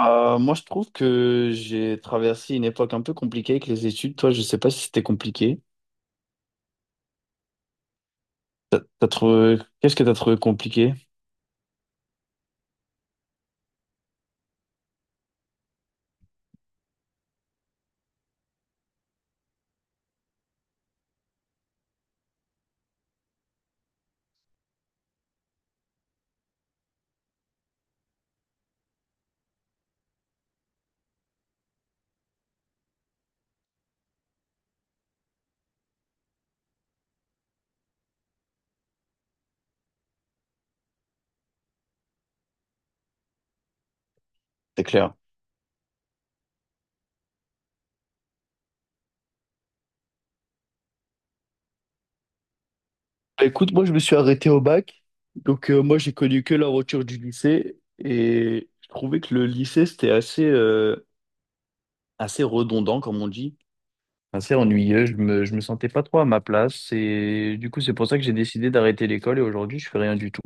Moi, je trouve que j'ai traversé une époque un peu compliquée avec les études. Toi, je sais pas si c'était compliqué. T'as trouvé... Qu'est-ce que t'as trouvé compliqué? C'est clair. Bah, écoute, moi, je me suis arrêté au bac. Donc, moi, j'ai connu que la rupture du lycée. Et je trouvais que le lycée, c'était assez assez redondant, comme on dit. Assez ennuyeux. Je me sentais pas trop à ma place. Et du coup, c'est pour ça que j'ai décidé d'arrêter l'école. Et aujourd'hui, je fais rien du tout.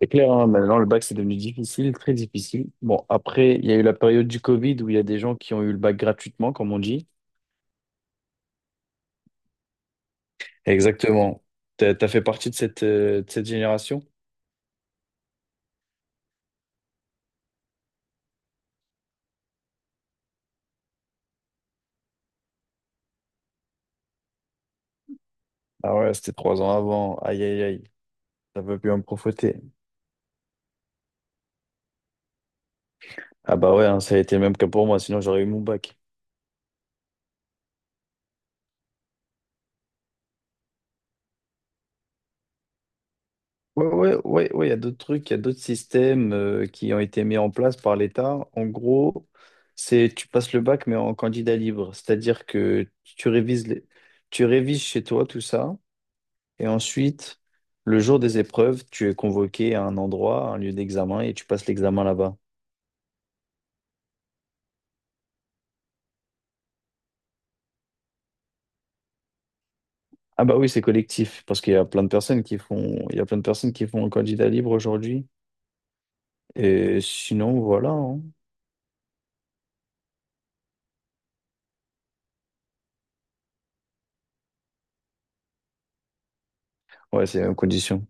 C'est clair, hein, maintenant le bac c'est devenu difficile, très difficile. Bon, après, il y a eu la période du Covid où il y a des gens qui ont eu le bac gratuitement, comme on dit. Exactement. T'as fait partie de cette de cette génération? Ah ouais, c'était trois ans avant. Aïe, aïe, aïe. Ça peut plus me profiter. Ah bah ouais, hein, ça a été le même cas pour moi, sinon j'aurais eu mon bac. Ouais, ouais, ouais, ouais, il y a d'autres trucs, il y a d'autres systèmes qui ont été mis en place par l'État. En gros, c'est tu passes le bac mais en candidat libre, c'est-à-dire que tu révises chez toi tout ça. Et ensuite, le jour des épreuves, tu es convoqué à un endroit, à un lieu d'examen, et tu passes l'examen là-bas. Ah bah oui, c'est collectif, parce qu'il y a plein de personnes qui font, il y a plein de personnes qui font un candidat libre aujourd'hui. Et sinon, voilà. Hein. Ouais, c'est en condition.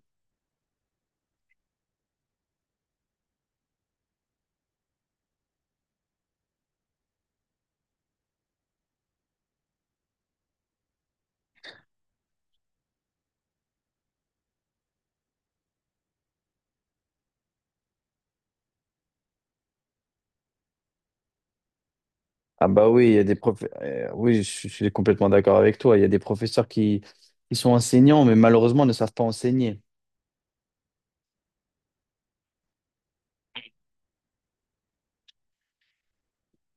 Ah bah oui, il y a des oui, je suis complètement d'accord avec toi. Il y a des professeurs qui sont enseignants, mais malheureusement ne savent pas enseigner.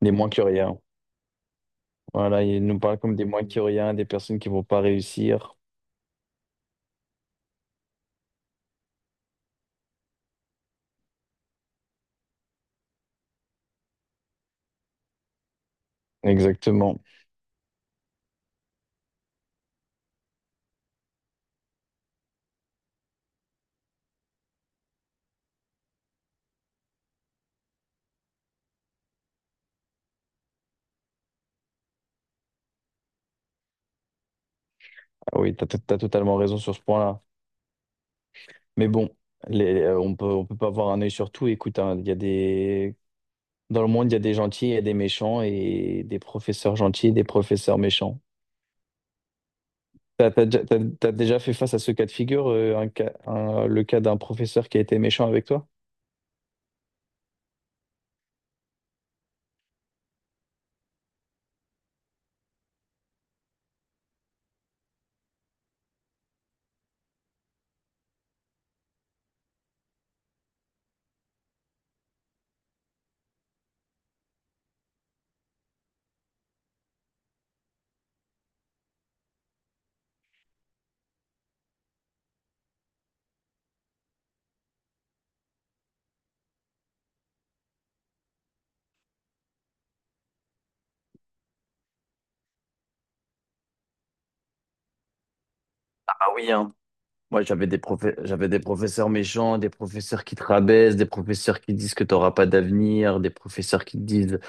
Les moins que rien. Voilà, ils nous parlent comme des moins que rien, des personnes qui vont pas réussir. Exactement. Ah oui, t'as totalement raison sur ce point-là. Mais bon, on peut pas avoir un œil sur tout. Écoute, hein, il y a des... Dans le monde, il y a des gentils et des méchants, et des professeurs gentils et des professeurs méchants. T'as déjà fait face à ce cas de figure, le cas d'un professeur qui a été méchant avec toi? Ah oui, hein. Moi, j'avais des professeurs méchants, des professeurs qui te rabaissent, des professeurs qui disent que tu n'auras pas d'avenir, des professeurs qui te disent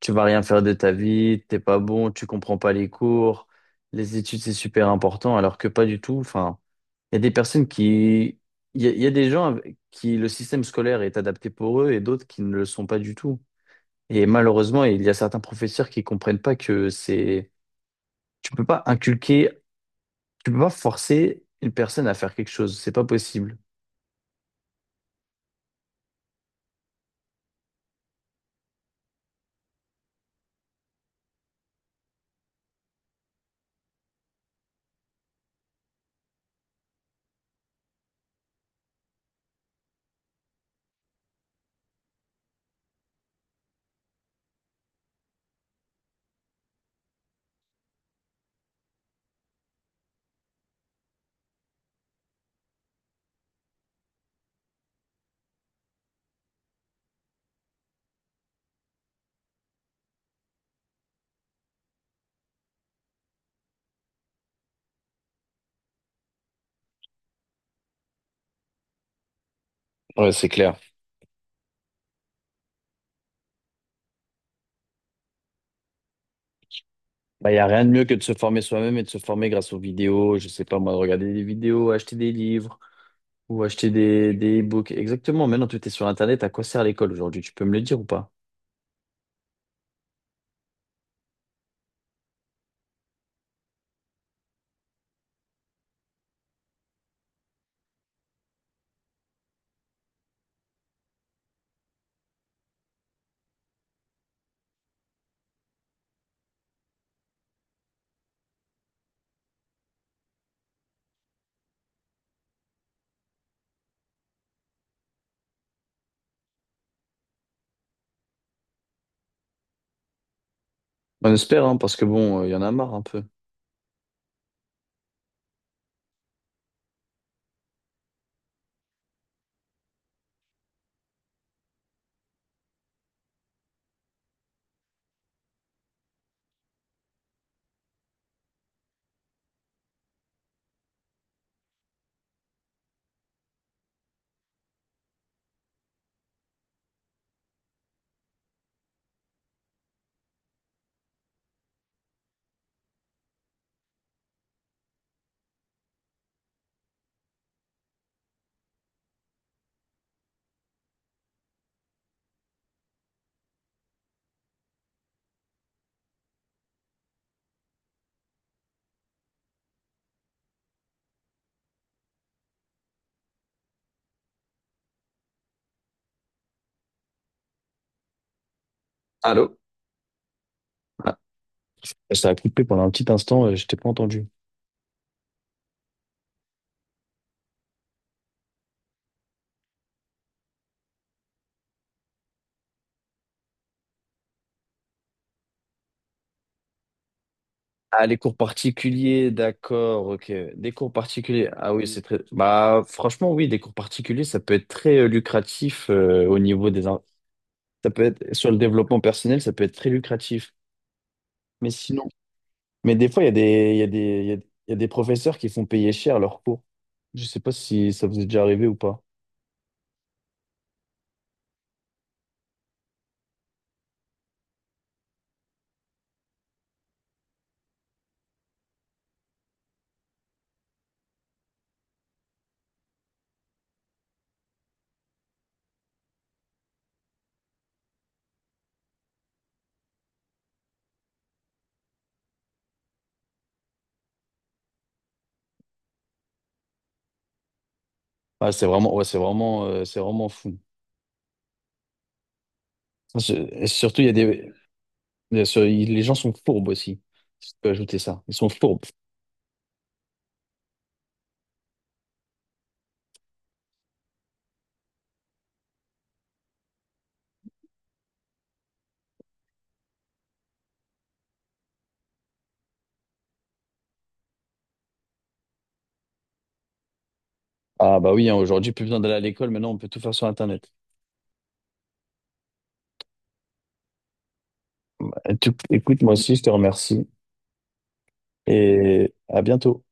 tu vas rien faire de ta vie, t'es pas bon, tu comprends pas les cours, les études c'est super important, alors que pas du tout. Enfin, il y a des personnes qui, il y a des gens avec qui le système scolaire est adapté pour eux et d'autres qui ne le sont pas du tout. Et malheureusement, il y a certains professeurs qui comprennent pas que c'est, tu peux pas inculquer, tu peux pas forcer une personne à faire quelque chose, c'est pas possible. Ouais, c'est clair. Bah, il n'y a rien de mieux que de se former soi-même et de se former grâce aux vidéos. Je sais pas, moi, de regarder des vidéos, acheter des livres ou acheter des e-books. Exactement. Maintenant, tout est sur Internet. À quoi sert l'école aujourd'hui? Tu peux me le dire ou pas? On espère, hein, parce que bon, il y en a marre un peu. Allô? Ah, ça a coupé pendant un petit instant, je t'ai pas entendu. Ah, les cours particuliers, d'accord, ok. Des cours particuliers, ah oui, c'est très... Bah, franchement, oui, des cours particuliers, ça peut être très lucratif au niveau des... Ça peut être, sur le développement personnel, ça peut être très lucratif. Mais sinon, mais des fois, il y a des, il y a des, il y a des professeurs qui font payer cher leurs cours. Je sais pas si ça vous est déjà arrivé ou pas. Ah, c'est vraiment, ouais, c'est vraiment, c'est vraiment fou. Et surtout, il y a des... bien sûr, les gens sont fourbes aussi. Si je peux ajouter ça. Ils sont fourbes. Ah bah oui, hein, aujourd'hui, plus besoin d'aller à l'école, maintenant on peut tout faire sur Internet. Écoute, moi aussi, je te remercie et à bientôt.